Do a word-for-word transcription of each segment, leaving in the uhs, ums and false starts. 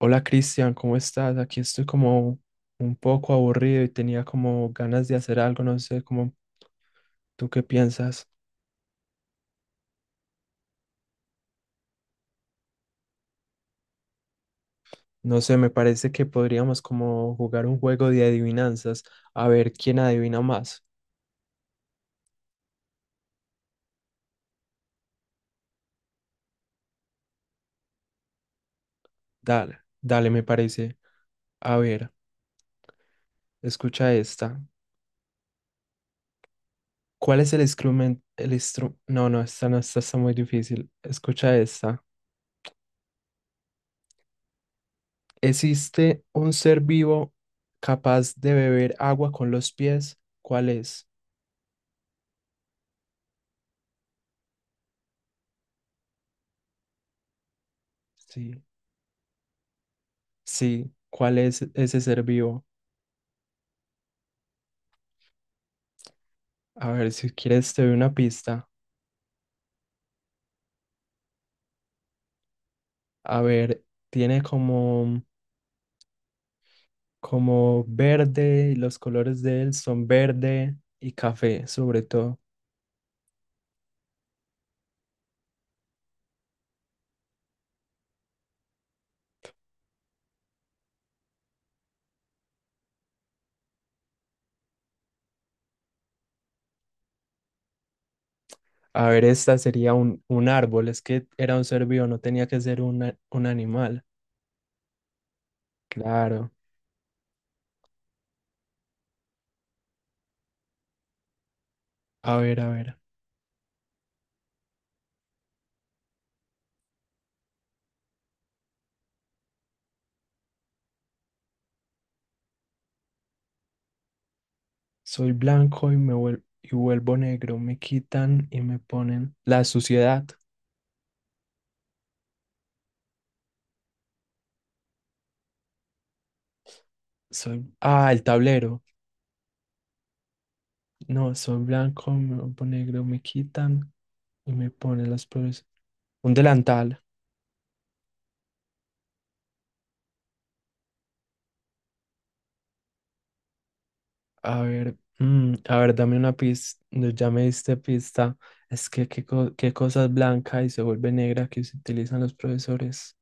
Hola Cristian, ¿cómo estás? Aquí estoy como un poco aburrido y tenía como ganas de hacer algo, no sé, como tú qué piensas. No sé, me parece que podríamos como jugar un juego de adivinanzas, a ver quién adivina más. Dale, dale, me parece. A ver, escucha esta. ¿Cuál es el instrumento? El instru- no, no, esta no, esta está muy difícil. Escucha esta. ¿Existe un ser vivo capaz de beber agua con los pies? ¿Cuál es? Sí. Sí, ¿cuál es ese ser vivo? A ver, si quieres te doy una pista. A ver, tiene como, como verde, y los colores de él son verde y café, sobre todo. A ver, esta sería un, un árbol, es que era un ser vivo, no tenía que ser una- un animal. Claro. A ver, a ver. Soy blanco y me vuel- y vuelvo negro, me quitan y me ponen la suciedad. Soy, ah, el tablero. No, soy blanco, me vuelvo negro, me quitan y me pone las flores. Un delantal. A ver, mm, a ver, dame una pista. No, ya me diste pista. Es que qué, co- qué cosa es blanca y se vuelve negra que se utilizan los profesores.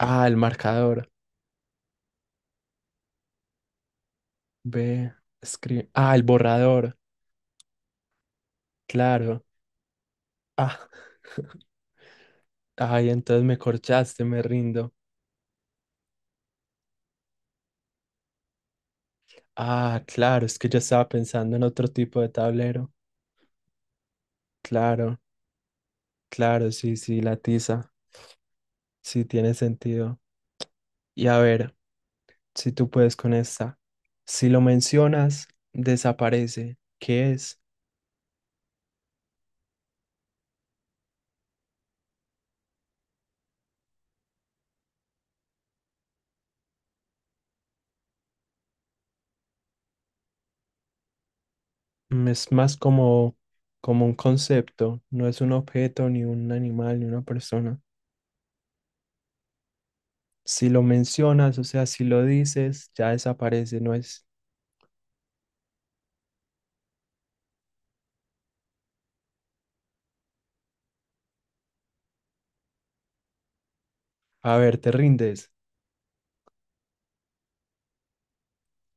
Ah, el marcador. B, escribe. Ah, el borrador. Claro. Ah, ay, entonces me corchaste, me rindo. Ah, claro, es que yo estaba pensando en otro tipo de tablero. Claro, claro, sí, sí, la tiza. Sí, tiene sentido. Y a ver. Si tú puedes con esta. Si lo mencionas, desaparece. ¿Qué es? Mm, es más como, como un concepto, no es un objeto, ni un animal, ni una persona. Si lo mencionas, o sea, si lo dices, ya desaparece, no es, a ver, te rindes.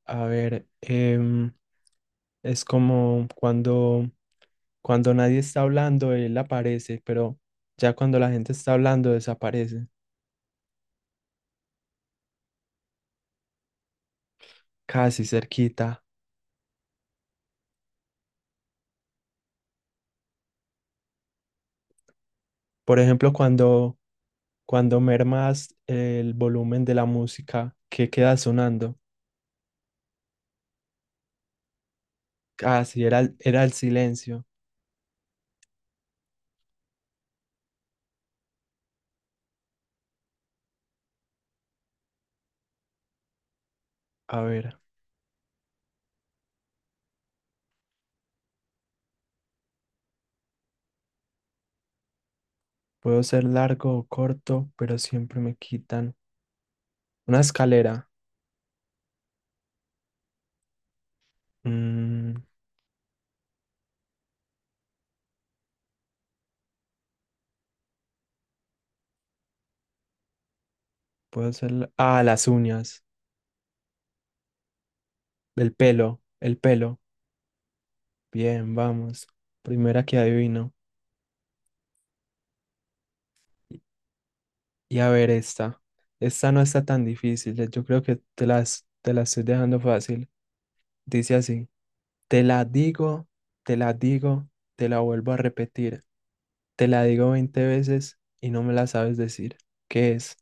A ver, em, es como cuando, cuando nadie está hablando, él aparece, pero ya cuando la gente está hablando, desaparece, casi cerquita. Por ejemplo, cuando Cuando mermas el volumen de la música, ¿qué queda sonando? Ah, sí, era, el- era el silencio. A ver, puedo ser largo o corto, pero siempre me quitan. Una escalera. Mm, puedo ser la- ah, las uñas. El pelo, el pelo. Bien, vamos. Primera que adivino. Y a ver esta. Esta no está tan difícil. eh, Yo creo que te las, te la estoy dejando fácil. Dice así. Te la digo, te la digo, te la vuelvo a repetir. Te la digo veinte veces y no me la sabes decir. ¿Qué es?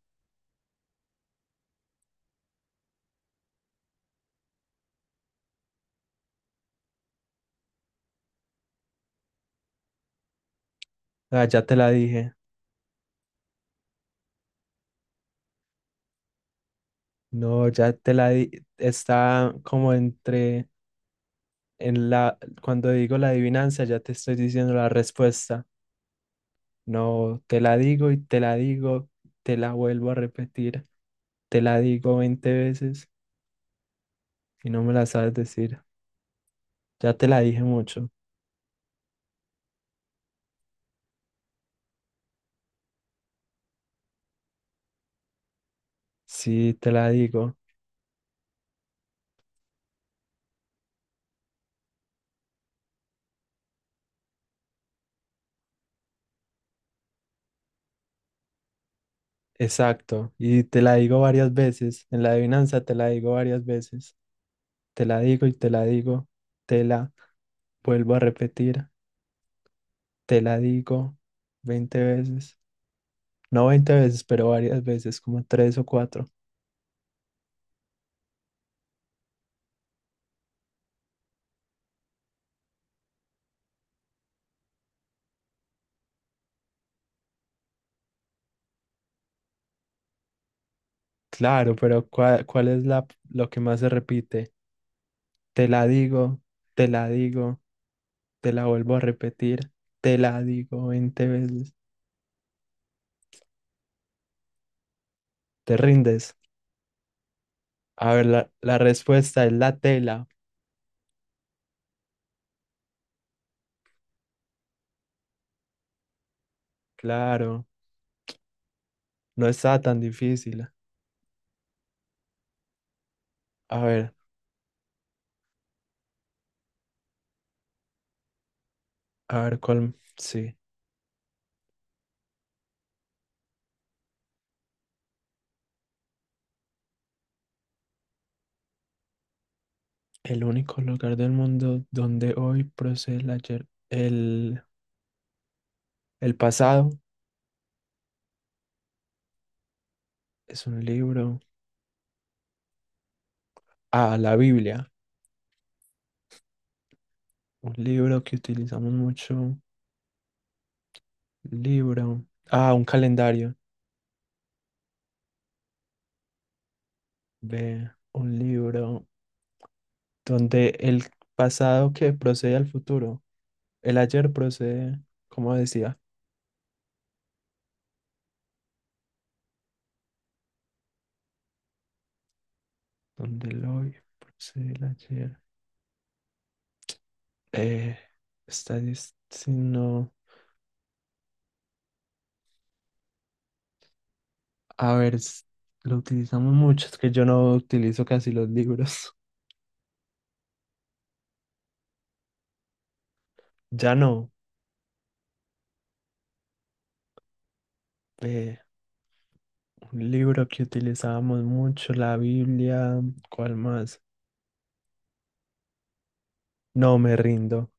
Ah, ya te la dije. No, ya te la di. Está como entre en la cuando digo la adivinanza, ya te estoy diciendo la respuesta. No, te la digo y te la digo, te la vuelvo a repetir. Te la digo veinte veces y no me la sabes decir. Ya te la dije mucho. Sí, te la digo. Exacto. Y te la digo varias veces. En la adivinanza te la digo varias veces. Te la digo y te la digo, te la vuelvo a repetir, te la digo veinte veces, no veinte veces, pero varias veces, como tres o cuatro. Claro, pero ¿cuál, cuál es la, lo que más se repite? Te la digo, te la digo, te la vuelvo a repetir, te la digo veinte veces. ¿Te rindes? A ver, la, la respuesta es la tela. Claro, no está tan difícil. A ver, a ver cuál, sí. El único lugar del mundo donde hoy procede el ayer, el, el pasado, es un libro. Ah, la Biblia. Un libro que utilizamos mucho. Libro. Ah, un calendario. Ve, un libro donde el pasado que procede al futuro. El ayer procede, como decía, donde el hoy procede el ayer. Eh, está diciendo. A ver, s- lo utilizamos mucho. Es que yo no utilizo casi los libros. Ya no. eh, un libro que utilizábamos mucho, la Biblia, ¿cuál más? No me rindo.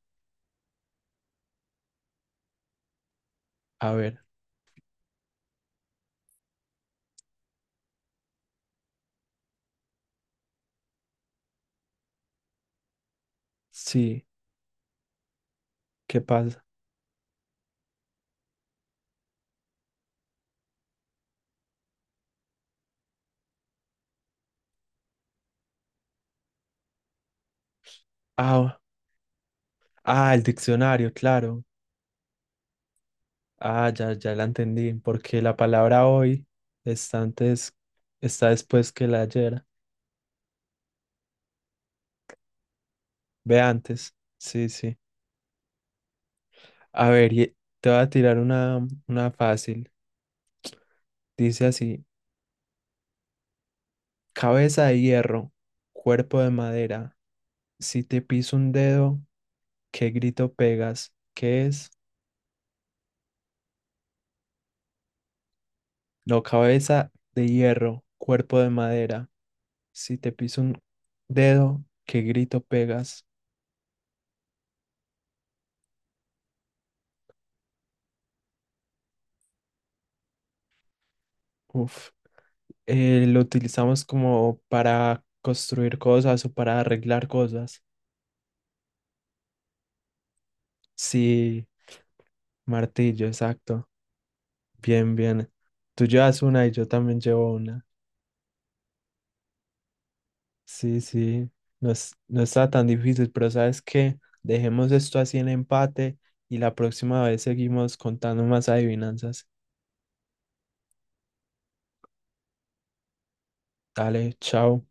A ver, sí, ¿qué pasa? Ah, ah, el diccionario, claro. Ah, ya, ya la entendí, porque la palabra hoy está antes, está después que la ayer. Ve antes. Sí, sí. A ver, y- te voy a tirar una, una fácil. Dice así, cabeza de hierro, cuerpo de madera. Si te piso un dedo, ¿qué grito pegas? ¿Qué es? No, cabeza de hierro, cuerpo de madera. Si te piso un dedo, ¿qué grito pegas? Uf. Eh, lo utilizamos como para construir cosas o para arreglar cosas. Sí, martillo, exacto. Bien, bien. Tú llevas una y yo también llevo una. Sí, sí. No, es- no está tan difícil, pero ¿sabes qué? Dejemos esto así en empate y la próxima vez seguimos contando más adivinanzas. Dale, chao.